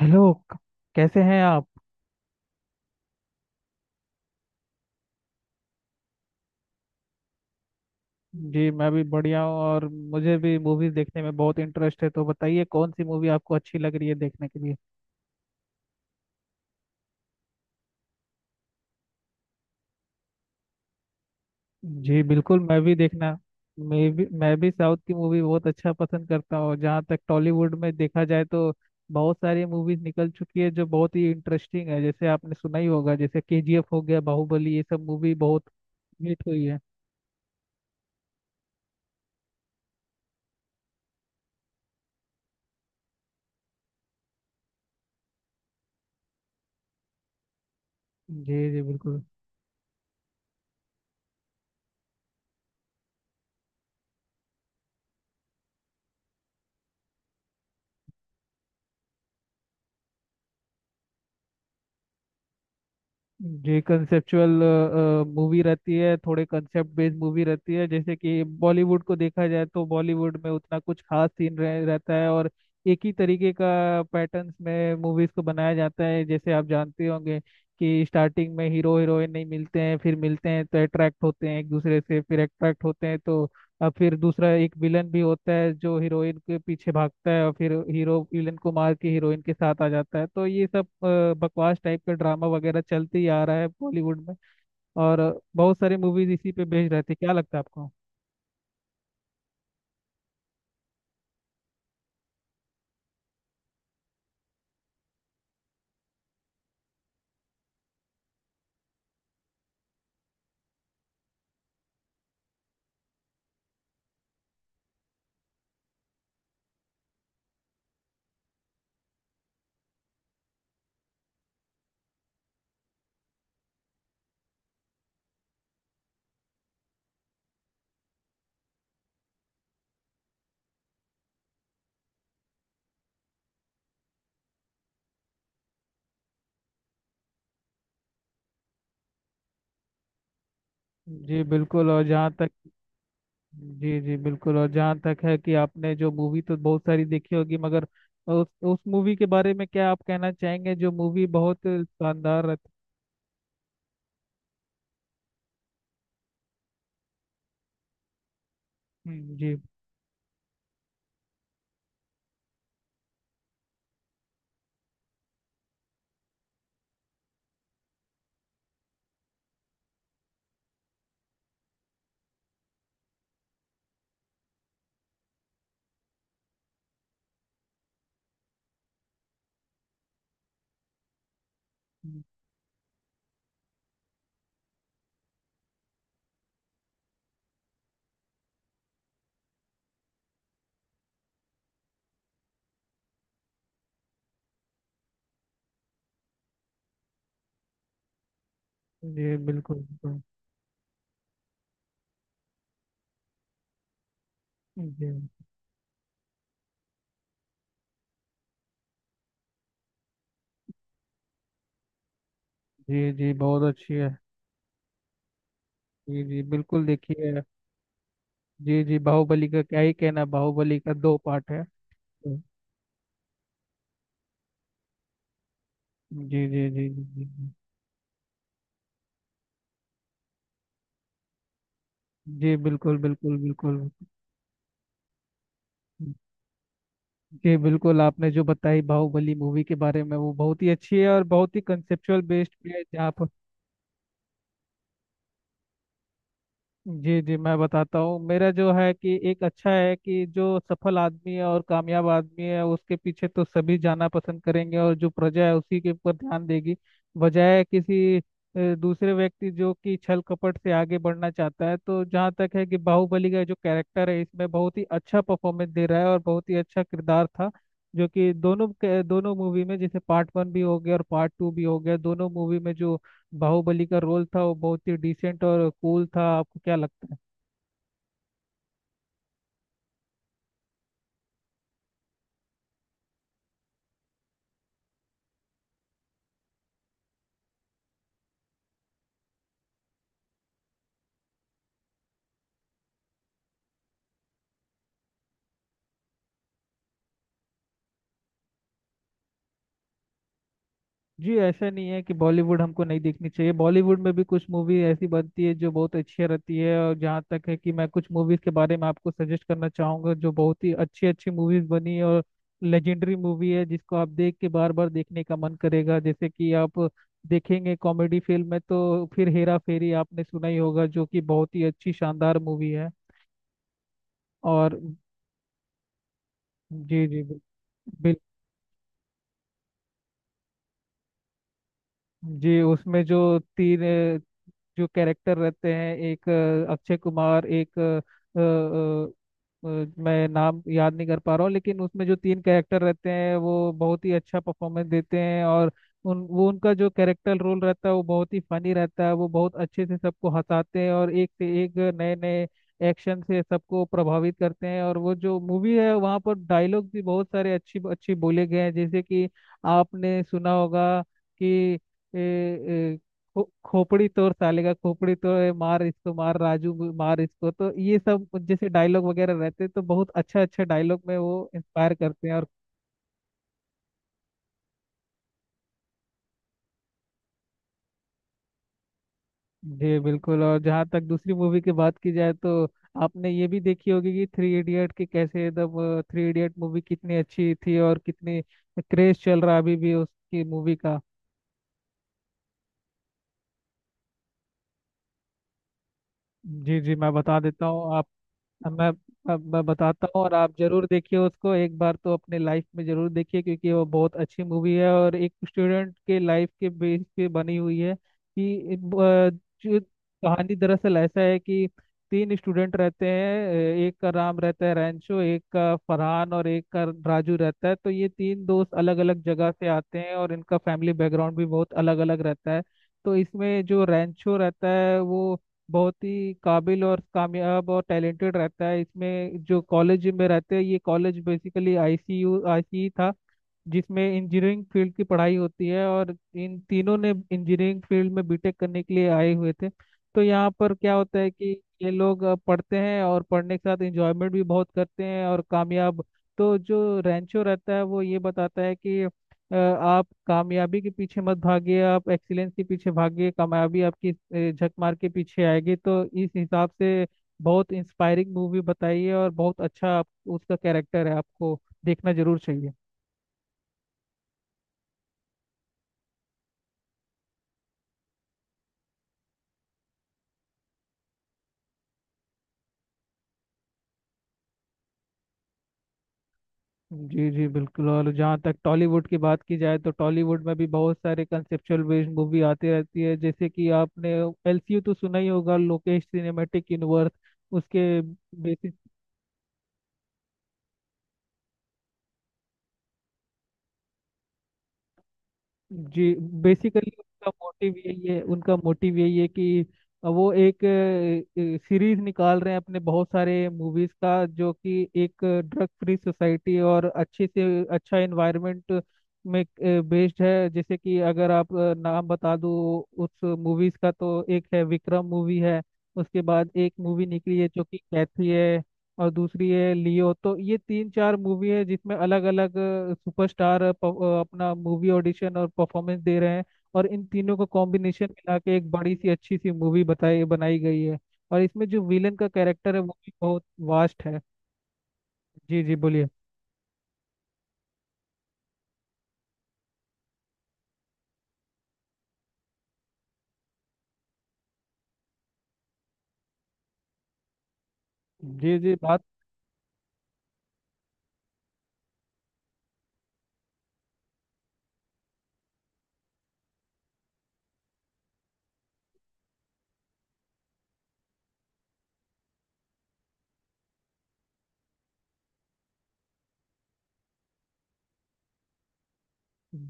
Hello कैसे हैं आप। जी मैं भी बढ़िया हूँ और मुझे भी मूवीज देखने में बहुत इंटरेस्ट है, तो बताइए कौन सी मूवी आपको अच्छी लग रही है देखने के लिए। जी बिल्कुल, मैं भी देखना मैं भी साउथ की मूवी बहुत अच्छा पसंद करता हूँ। जहाँ तक टॉलीवुड में देखा जाए, तो बहुत सारी मूवीज निकल चुकी है जो बहुत ही इंटरेस्टिंग है, जैसे आपने सुना ही होगा जैसे केजीएफ हो गया, बाहुबली, ये सब मूवी बहुत हिट हुई है। जी जी बिल्कुल। जी कंसेप्चुअल मूवी रहती है, थोड़े कंसेप्ट बेस्ड मूवी रहती है। जैसे कि बॉलीवुड को देखा जाए तो बॉलीवुड में उतना कुछ खास सीन रहता है, और एक ही तरीके का पैटर्न्स में मूवीज को बनाया जाता है। जैसे आप जानते होंगे कि स्टार्टिंग में हीरो हीरोइन नहीं मिलते हैं, फिर मिलते हैं तो अट्रैक्ट होते हैं एक दूसरे से, फिर अट्रैक्ट होते हैं तो, और फिर दूसरा एक विलन भी होता है जो हीरोइन के पीछे भागता है, और फिर हीरो विलन को मार के हीरोइन के साथ आ जाता है। तो ये सब बकवास टाइप का ड्रामा वगैरह चलते ही आ रहा है बॉलीवुड में। और बहुत सारी मूवीज इसी पे बेस्ड रहते हैं, क्या लगता है आपको? जी बिल्कुल। और जहाँ तक जी जी बिल्कुल, और जहाँ तक है कि आपने जो मूवी तो बहुत सारी देखी होगी, मगर उस मूवी के बारे में क्या आप कहना चाहेंगे जो मूवी बहुत शानदार रहती। जी। जी बिल्कुल बिल्कुल। जी जी जी बहुत अच्छी है। जी जी बिल्कुल, देखिए। जी जी, बाहुबली का क्या ही कहना, बाहुबली का दो पार्ट है। जी जी जी जी जी जी। जी, बिल्कुल बिल्कुल बिल्कुल। जी बिल्कुल, आपने जो बताई बाहुबली मूवी के बारे में, वो बहुत ही अच्छी है और बहुत ही कंसेप्चुअल बेस्ड पे है जहाँ पर। जी जी मैं बताता हूँ, मेरा जो है कि एक अच्छा है कि जो सफल आदमी है और कामयाब आदमी है उसके पीछे तो सभी जाना पसंद करेंगे, और जो प्रजा है उसी के ऊपर ध्यान देगी, बजाय किसी दूसरे व्यक्ति जो कि छल कपट से आगे बढ़ना चाहता है। तो जहाँ तक है कि बाहुबली का जो कैरेक्टर है इसमें बहुत ही अच्छा परफॉर्मेंस दे रहा है, और बहुत ही अच्छा किरदार था, जो कि दोनों मूवी में, जैसे पार्ट 1 भी हो गया और पार्ट 2 भी हो गया, दोनों मूवी में जो बाहुबली का रोल था वो बहुत ही डिसेंट और कूल था। आपको क्या लगता है? जी ऐसा नहीं है कि बॉलीवुड हमको नहीं देखनी चाहिए, बॉलीवुड में भी कुछ मूवी ऐसी बनती है जो बहुत अच्छी रहती है। और जहाँ तक है कि मैं कुछ मूवीज के बारे में आपको सजेस्ट करना चाहूँगा, जो बहुत ही अच्छी अच्छी मूवीज बनी है और लेजेंडरी मूवी है, जिसको आप देख के बार बार देखने का मन करेगा। जैसे कि आप देखेंगे कॉमेडी फिल्म में, तो फिर हेरा फेरी आपने सुना ही होगा, जो कि बहुत ही अच्छी शानदार मूवी है। और जी जी बिल्कुल। जी उसमें जो 3 जो कैरेक्टर रहते हैं, एक अक्षय कुमार, एक अ, अ, मैं नाम याद नहीं कर पा रहा हूँ, लेकिन उसमें जो 3 कैरेक्टर रहते हैं वो बहुत ही अच्छा परफॉर्मेंस देते हैं, और उन वो उनका जो कैरेक्टर रोल रहता है वो बहुत ही फनी रहता है, वो बहुत अच्छे से सबको हंसाते हैं और एक से एक नए नए एक्शन से सबको प्रभावित करते हैं। और वो जो मूवी है वहाँ पर डायलॉग भी बहुत सारे अच्छी अच्छी बोले गए हैं, जैसे कि आपने सुना होगा कि ए, ए, खो- खोपड़ी तोड़ साले का, खोपड़ी तोड़, मार इसको, मार राजू को, मार इसको। तो ये सब जैसे डायलॉग वगैरह रहते हैं, तो बहुत अच्छा अच्छा डायलॉग में वो इंस्पायर करते हैं। और जी बिल्कुल। और जहाँ तक दूसरी मूवी की बात की जाए, तो आपने ये भी देखी होगी कि थ्री इडियट की, कैसे एकदम थ्री इडियट मूवी कितनी अच्छी थी, और कितनी क्रेज चल रहा है अभी भी उसकी मूवी का। जी जी मैं बता देता हूँ। अब मैं अब मैं बताता हूँ, और आप जरूर देखिए उसको एक बार, तो अपने लाइफ में जरूर देखिए क्योंकि वो बहुत अच्छी मूवी है, और एक स्टूडेंट के लाइफ के बेस पे बनी हुई है। कि जो कहानी दरअसल ऐसा है कि 3 स्टूडेंट रहते हैं, एक का नाम रहता है रैंचो, एक का फरहान, और एक का राजू रहता है। तो ये 3 दोस्त अलग अलग जगह से आते हैं, और इनका फैमिली बैकग्राउंड भी बहुत अलग अलग रहता है। तो इसमें जो रैंचो रहता है वो बहुत ही काबिल और कामयाब और टैलेंटेड रहता है। इसमें जो कॉलेज में रहते हैं, ये कॉलेज बेसिकली आईसीयू आईसीई था, जिसमें इंजीनियरिंग फील्ड की पढ़ाई होती है, और इन तीनों ने इंजीनियरिंग फील्ड में बीटेक करने के लिए आए हुए थे। तो यहाँ पर क्या होता है कि ये लोग पढ़ते हैं, और पढ़ने के साथ इंजॉयमेंट भी बहुत करते हैं, और कामयाब। तो जो रैंचो रहता है वो ये बताता है कि आप कामयाबी के पीछे मत भागिए, आप एक्सीलेंस के पीछे भागिए, कामयाबी आपकी झक मार के पीछे आएगी। तो इस हिसाब से बहुत इंस्पायरिंग मूवी बताई है, और बहुत अच्छा उसका कैरेक्टर है, आपको देखना जरूर चाहिए। जी जी बिल्कुल। और जहाँ तक टॉलीवुड की बात की जाए, तो टॉलीवुड में भी बहुत सारे कंसेप्चुअल बेस्ड मूवी आती रहती है। जैसे कि आपने एलसीयू तो सुना ही होगा, लोकेश सिनेमेटिक यूनिवर्स, उसके बेसिस। जी बेसिकली उनका मोटिव यही है कि वो एक सीरीज निकाल रहे हैं अपने बहुत सारे मूवीज का, जो कि एक ड्रग फ्री सोसाइटी और अच्छे से अच्छा एनवायरनमेंट में बेस्ड है। जैसे कि अगर आप नाम बता दूं उस मूवीज का, तो एक है विक्रम मूवी है, उसके बाद एक मूवी निकली है जो कि कैथी है, और दूसरी है लियो। तो ये 3 4 मूवी है जिसमें अलग अलग सुपरस्टार अपना मूवी ऑडिशन और परफॉर्मेंस दे रहे हैं, और इन तीनों को कॉम्बिनेशन मिला के एक बड़ी सी अच्छी सी मूवी बताई बनाई गई है, और इसमें जो विलन का कैरेक्टर है वो भी बहुत वास्ट है। जी जी बोलिए। जी जी बात।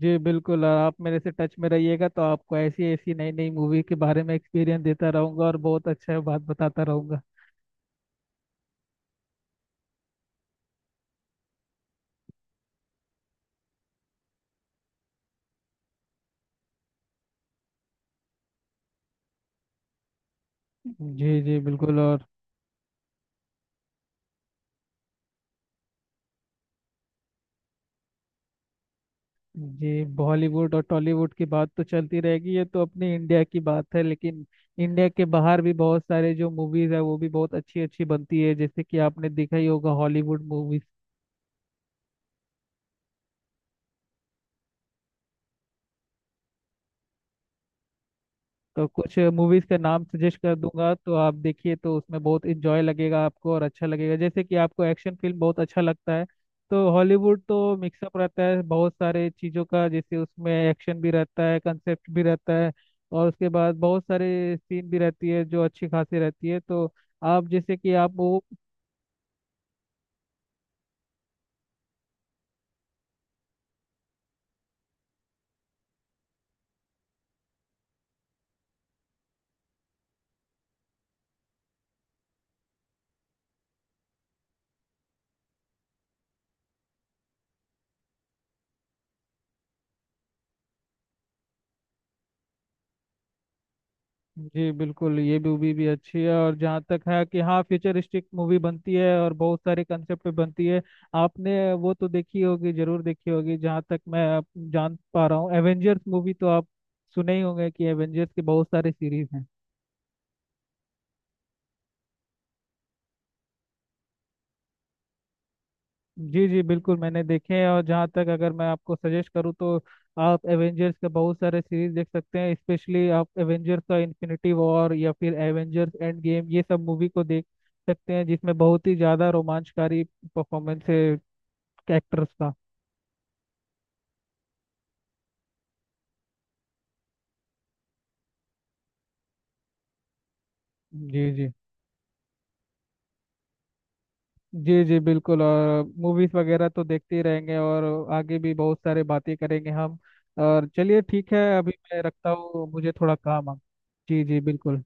जी बिल्कुल, और आप मेरे से टच में रहिएगा तो आपको ऐसी ऐसी नई नई मूवी के बारे में एक्सपीरियंस देता रहूंगा, और बहुत अच्छा बात बताता रहूंगा। जी जी बिल्कुल। और जी बॉलीवुड और टॉलीवुड की बात तो चलती रहेगी, ये तो अपने इंडिया की बात है, लेकिन इंडिया के बाहर भी बहुत सारे जो मूवीज है वो भी बहुत अच्छी अच्छी बनती है, जैसे कि आपने देखा ही होगा हॉलीवुड मूवीज। तो कुछ मूवीज का नाम सजेस्ट कर दूंगा, तो आप देखिए, तो उसमें बहुत इंजॉय लगेगा आपको और अच्छा लगेगा। जैसे कि आपको एक्शन फिल्म बहुत अच्छा लगता है, तो हॉलीवुड तो मिक्सअप रहता है बहुत सारे चीज़ों का, जैसे उसमें एक्शन भी रहता है, कंसेप्ट भी रहता है, और उसके बाद बहुत सारे सीन भी रहती है जो अच्छी खासी रहती है। तो आप जैसे कि आप वो जी बिल्कुल, ये मूवी भी अच्छी है। और जहाँ तक है कि हाँ, फ्यूचरिस्टिक मूवी बनती है और बहुत सारे कंसेप्ट पे बनती है। आपने वो तो देखी होगी, जरूर देखी होगी, जहाँ तक मैं आप जान पा रहा हूँ, एवेंजर्स मूवी तो आप सुने ही होंगे कि एवेंजर्स के बहुत सारे सीरीज हैं। जी जी बिल्कुल, मैंने देखे हैं। और जहाँ तक अगर मैं आपको सजेस्ट करूँ, तो आप एवेंजर्स के बहुत सारे सीरीज देख सकते हैं। स्पेशली आप एवेंजर्स का इन्फिनिटी वॉर, या फिर एवेंजर्स एंड गेम, ये सब मूवी को देख सकते हैं, जिसमें बहुत ही ज़्यादा रोमांचकारी परफॉर्मेंस है एक्टर्स का। जी जी। जी जी बिल्कुल, और मूवीज वगैरह तो देखते ही रहेंगे, और आगे भी बहुत सारे बातें करेंगे हम। और चलिए ठीक है, अभी मैं रखता हूँ, मुझे थोड़ा काम है। जी जी बिल्कुल।